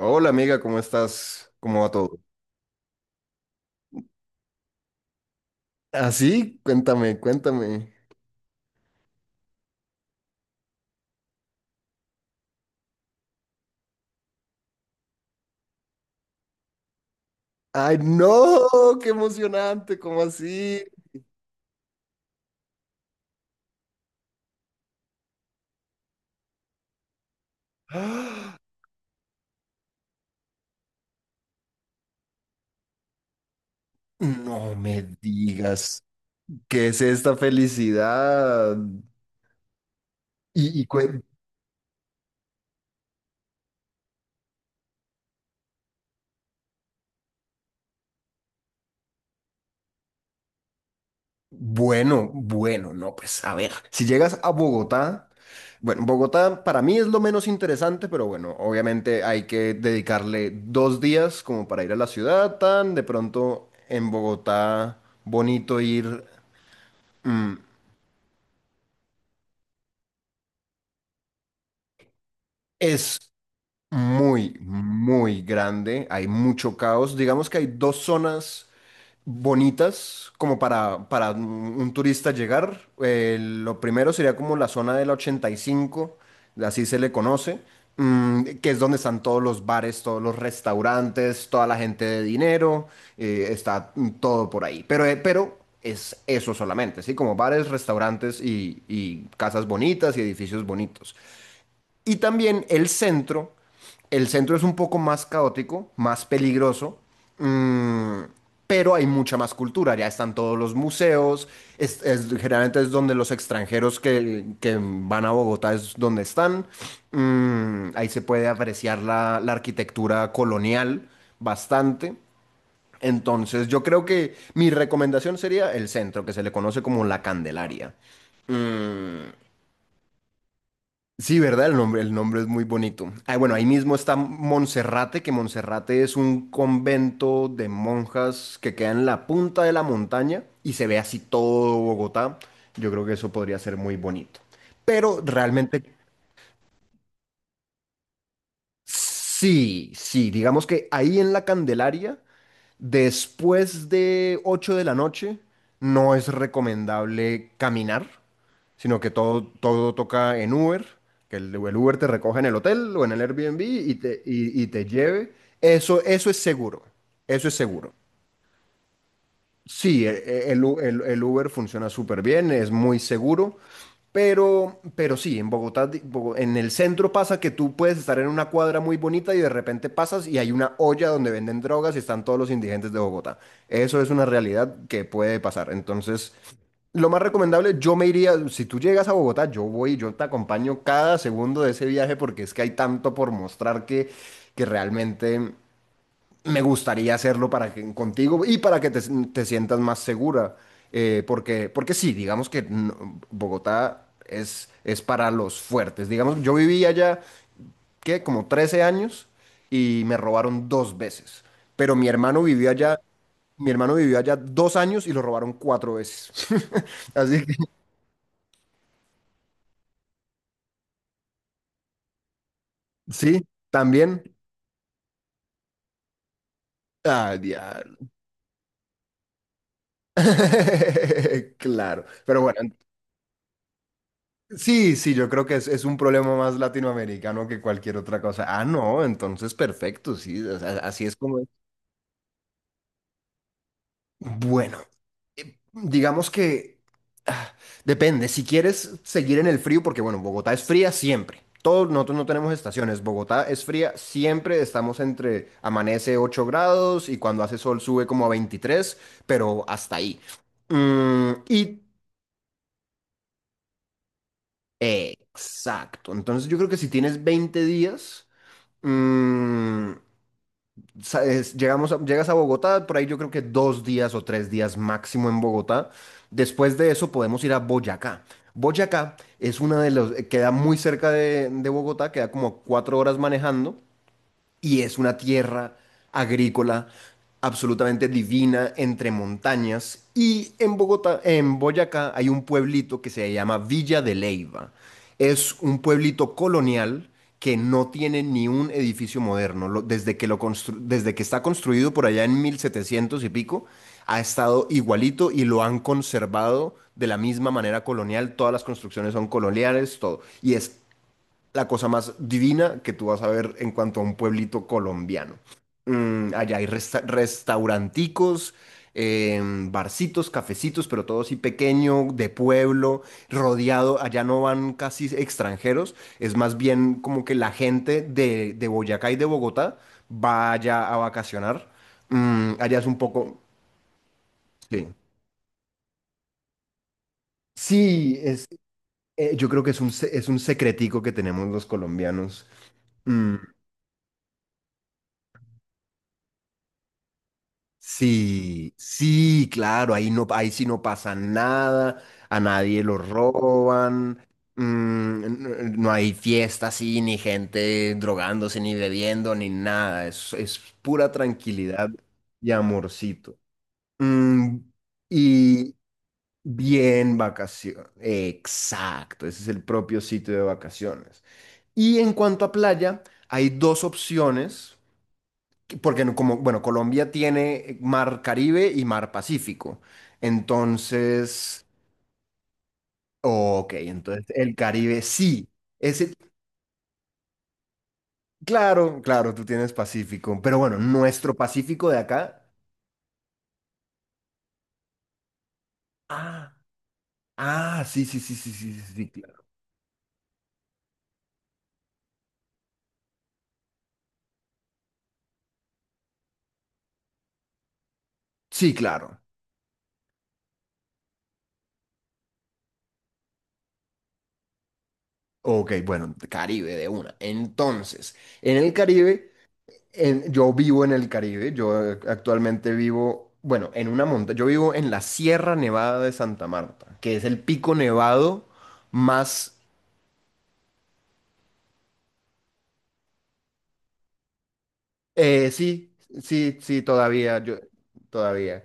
Hola amiga, ¿cómo estás? ¿Cómo va todo? ¿Así? Cuéntame, cuéntame. ¡Ay, no! ¡Qué emocionante! ¿Cómo así? ¡Ah! No me digas. ¿Qué es esta felicidad? Y, y cuen- bueno, bueno, no, pues a ver, si llegas a Bogotá, bueno, Bogotá para mí es lo menos interesante, pero bueno, obviamente hay que dedicarle 2 días como para ir a la ciudad, tan de pronto en Bogotá bonito ir. Mm, es muy, muy grande, hay mucho caos. Digamos que hay dos zonas bonitas como para un turista llegar. Lo primero sería como la zona de la 85, así se le conoce, que es donde están todos los bares, todos los restaurantes, toda la gente de dinero. Está, todo por ahí. Pero es eso solamente, ¿sí? Como bares, restaurantes y casas bonitas y edificios bonitos. Y también el centro. El centro es un poco más caótico, más peligroso, mm, pero hay mucha más cultura. Ya están todos los museos. Generalmente es donde los extranjeros que van a Bogotá es donde están. Ahí se puede apreciar la arquitectura colonial bastante. Entonces, yo creo que mi recomendación sería el centro, que se le conoce como la Candelaria. Mm. Sí, ¿verdad? El nombre es muy bonito. Ah, bueno, ahí mismo está Monserrate, que Monserrate es un convento de monjas que queda en la punta de la montaña y se ve así todo Bogotá. Yo creo que eso podría ser muy bonito. Pero realmente, sí, sí, digamos que ahí en la Candelaria, después de 8 de la noche, no es recomendable caminar, sino que todo, todo toca en Uber, que el Uber te recoja en el hotel o en el Airbnb y te lleve. Eso es seguro, eso es seguro. Sí, el Uber funciona súper bien, es muy seguro, pero sí, en Bogotá, en el centro pasa que tú puedes estar en una cuadra muy bonita y de repente pasas y hay una olla donde venden drogas y están todos los indigentes de Bogotá. Eso es una realidad que puede pasar. Entonces, lo más recomendable, yo me iría, si tú llegas a Bogotá, yo voy, yo te acompaño cada segundo de ese viaje porque es que hay tanto por mostrar que realmente me gustaría hacerlo para que, contigo y para que te sientas más segura. Porque, porque sí, digamos que Bogotá es para los fuertes. Digamos, yo viví allá, ¿qué? Como 13 años y me robaron dos veces. Pero mi hermano vivió allá 2 años y lo robaron cuatro veces. Así que sí, también. Ah, diablo. Claro. Pero bueno. Sí, sí, yo creo que es, un problema más latinoamericano que cualquier otra cosa. Ah, no, entonces perfecto, sí, o sea, así es como... es. Bueno, digamos que, ah, depende, si quieres seguir en el frío, porque bueno, Bogotá es fría siempre. Todos nosotros no tenemos estaciones, Bogotá es fría siempre, estamos entre amanece 8 grados y cuando hace sol sube como a 23, pero hasta ahí. Y exacto, entonces yo creo que si tienes 20 días... mm, llegas a Bogotá, por ahí yo creo que 2 días o 3 días máximo en Bogotá. Después de eso podemos ir a Boyacá. Boyacá es una de los, queda muy cerca de Bogotá, queda como 4 horas manejando y es una tierra agrícola absolutamente divina entre montañas. Y en Bogotá, en Boyacá, hay un pueblito que se llama Villa de Leyva. Es un pueblito colonial que no tiene ni un edificio moderno. Desde que está construido por allá en 1700 y pico, ha estado igualito y lo han conservado de la misma manera colonial. Todas las construcciones son coloniales, todo. Y es la cosa más divina que tú vas a ver en cuanto a un pueblito colombiano. Allá hay restauranticos, barcitos, cafecitos, pero todo así pequeño, de pueblo, rodeado. Allá no van casi extranjeros, es más bien como que la gente de Boyacá y de Bogotá vaya a vacacionar. Allá es un poco... Sí, sí, yo creo que es un secretico que tenemos los colombianos. Mm. Sí, sí, claro, ahí no, ahí sí no pasa nada, a nadie lo roban, no hay fiesta así, ni gente drogándose, ni bebiendo, ni nada, es, pura tranquilidad y amorcito. Mm, y bien vacaciones, exacto, ese es el propio sitio de vacaciones. Y en cuanto a playa, hay dos opciones porque como, bueno, Colombia tiene mar Caribe y mar Pacífico. Entonces. Ok, entonces el Caribe sí. Ese, claro, claro, tú tienes Pacífico, pero bueno, nuestro Pacífico de acá. Ah, ah, sí, sí, sí, sí, sí, sí, sí, claro. Sí, claro. Ok, bueno, Caribe de una. Entonces, en el Caribe. Yo vivo en el Caribe. Yo eh, actualmente vivo, bueno, en una montaña, yo vivo en la Sierra Nevada de Santa Marta, que es el pico nevado más. Sí sí, sí, todavía, yo, todavía.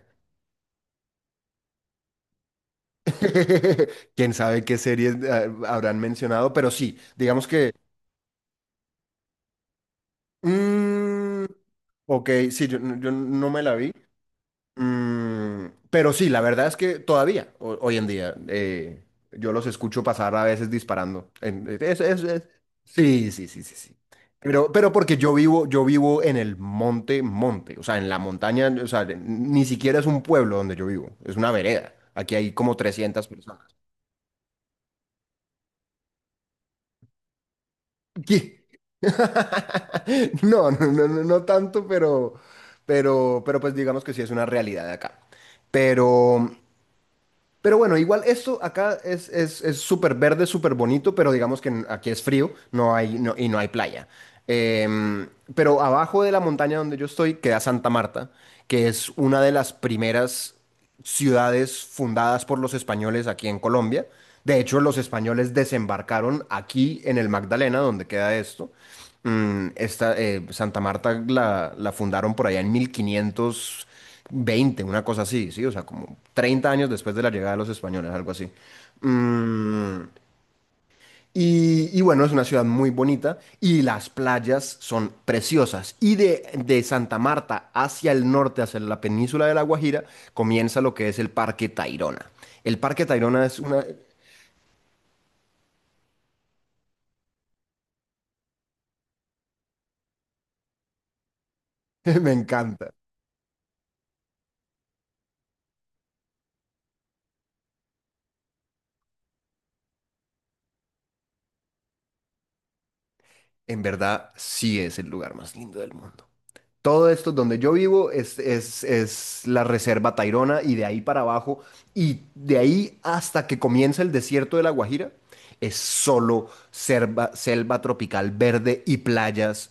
Quién sabe qué series habrán mencionado, pero sí, digamos que, mm, ok, sí, yo no me la vi. Pero sí, la verdad es que todavía, hoy en día, yo los escucho pasar a veces disparando. Sí sí, sí, sí, sí. Pero porque yo vivo, en el monte, monte, o sea, en la montaña, o sea, ni siquiera es un pueblo donde yo vivo, es una vereda. Aquí hay como 300 personas. ¿Qué? No, no, no, no, no tanto, pero pues digamos que sí es una realidad de acá. Pero Pero bueno, igual esto acá es, es súper verde, súper bonito, pero digamos que aquí es frío, no hay, no- y no hay playa. Em, pero abajo de la montaña donde yo estoy queda Santa Marta, que es una de las primeras ciudades fundadas por los españoles aquí en Colombia. De hecho, los españoles desembarcaron aquí en el Magdalena, donde queda esto. Santa Marta la fundaron por allá en 1520, una cosa así, ¿sí? O sea, como 30 años después de la llegada de los españoles, algo así. Mm, y bueno, es una ciudad muy bonita y las playas son preciosas. Y de Santa Marta hacia el norte, hacia la península de La Guajira, comienza lo que es el Parque Tayrona. El Parque Tayrona es una... Me encanta. En verdad, sí es el lugar más lindo del mundo. Todo esto donde yo vivo es, es la reserva Tairona, y de ahí para abajo y de ahí hasta que comienza el desierto de La Guajira es solo selva, selva tropical verde y playas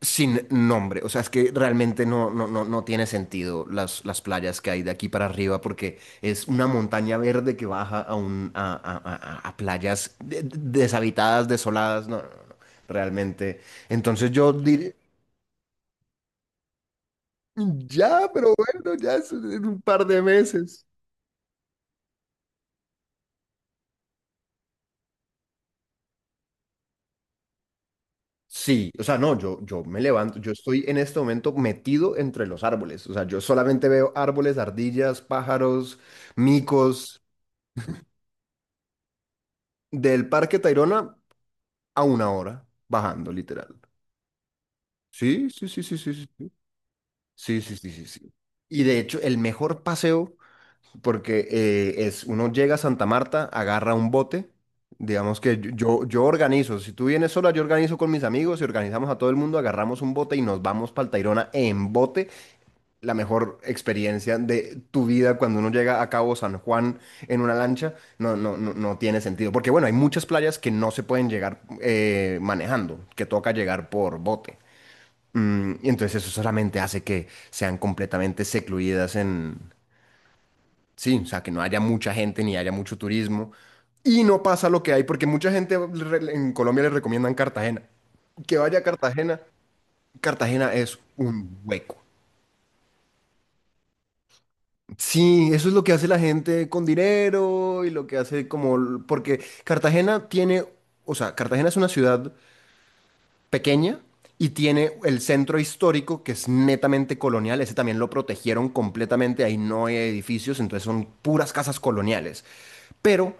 sin nombre. O sea, es que realmente no, no, no, no tiene sentido las playas que hay de aquí para arriba, porque es una montaña verde que baja a, un, a playas deshabitadas, desoladas. No, no, no, no, realmente. Entonces yo Ya, pero bueno, ya es en un par de meses. Sí, o sea, no, yo me levanto, yo estoy en este momento metido entre los árboles, o sea, yo solamente veo árboles, ardillas, pájaros, micos, del Parque Tayrona a una hora, bajando, literal. Sí, sí, sí, sí, sí, sí, sí, sí, sí, sí, sí. Sí. Y de hecho, el mejor paseo, porque uno llega a Santa Marta, agarra un bote, digamos que yo organizo, si tú vienes sola, yo organizo con mis amigos y organizamos a todo el mundo, agarramos un bote y nos vamos para el Tayrona en bote, la mejor experiencia de tu vida cuando uno llega a Cabo San Juan en una lancha, no, no, no, no tiene sentido, porque bueno, hay muchas playas que no se pueden llegar manejando, que toca llegar por bote. Y entonces eso solamente hace que sean completamente secluidas en... Sí, o sea, que no haya mucha gente ni haya mucho turismo. Y no pasa lo que hay, porque mucha gente en Colombia le recomiendan Cartagena. Que vaya a Cartagena. Cartagena es un hueco. Sí, eso es lo que hace la gente con dinero y lo que hace como... porque Cartagena tiene, o sea, Cartagena es una ciudad pequeña y tiene el centro histórico, que es netamente colonial, ese también lo protegieron completamente, ahí no hay edificios, entonces son puras casas coloniales, pero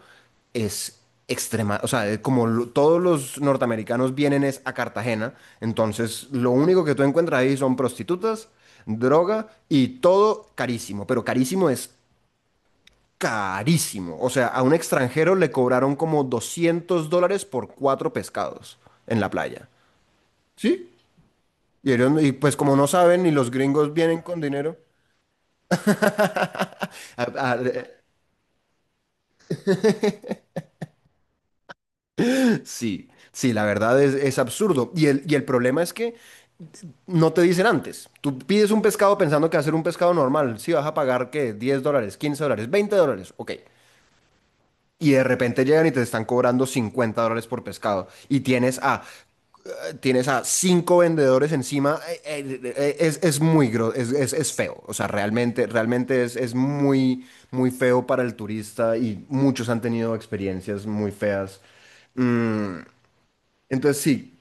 es extrema, o sea, como todos los norteamericanos vienen es a Cartagena, entonces lo único que tú encuentras ahí son prostitutas, droga y todo carísimo, pero carísimo es carísimo, o sea, a un extranjero le cobraron como $200 por cuatro pescados en la playa. ¿Sí? No, y pues como no saben, ni los gringos vienen con dinero. a- a- sí, sí, la verdad es, absurdo. Y el problema es que no te dicen antes. Tú pides un pescado pensando que va a ser un pescado normal. Si vas a pagar, ¿qué? $10, $15, $20. Ok. Y de repente llegan y te están cobrando $50 por pescado. Y tienes a cinco vendedores encima. Es muy gro- es feo. O sea, realmente, realmente es muy, muy feo para el turista, y muchos han tenido experiencias muy feas. Mm, entonces, sí,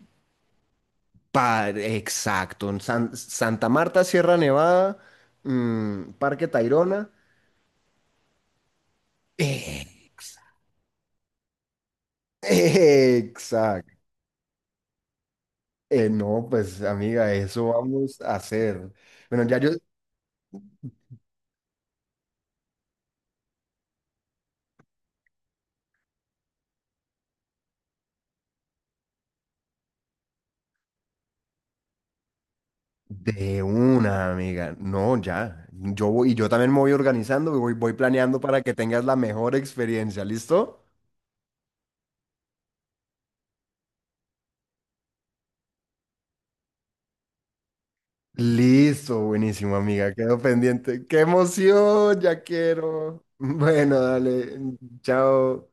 exacto. En Santa Marta, Sierra Nevada, Parque Tayrona. Ex- Exacto. No, pues amiga, eso vamos a hacer. Bueno, ya yo. De una, amiga. No, ya. Yo voy, y yo también me voy organizando, voy planeando para que tengas la mejor experiencia. ¿Listo? Listo, buenísimo, amiga. Quedo pendiente. ¡Qué emoción! Ya quiero. Bueno, dale. Chao.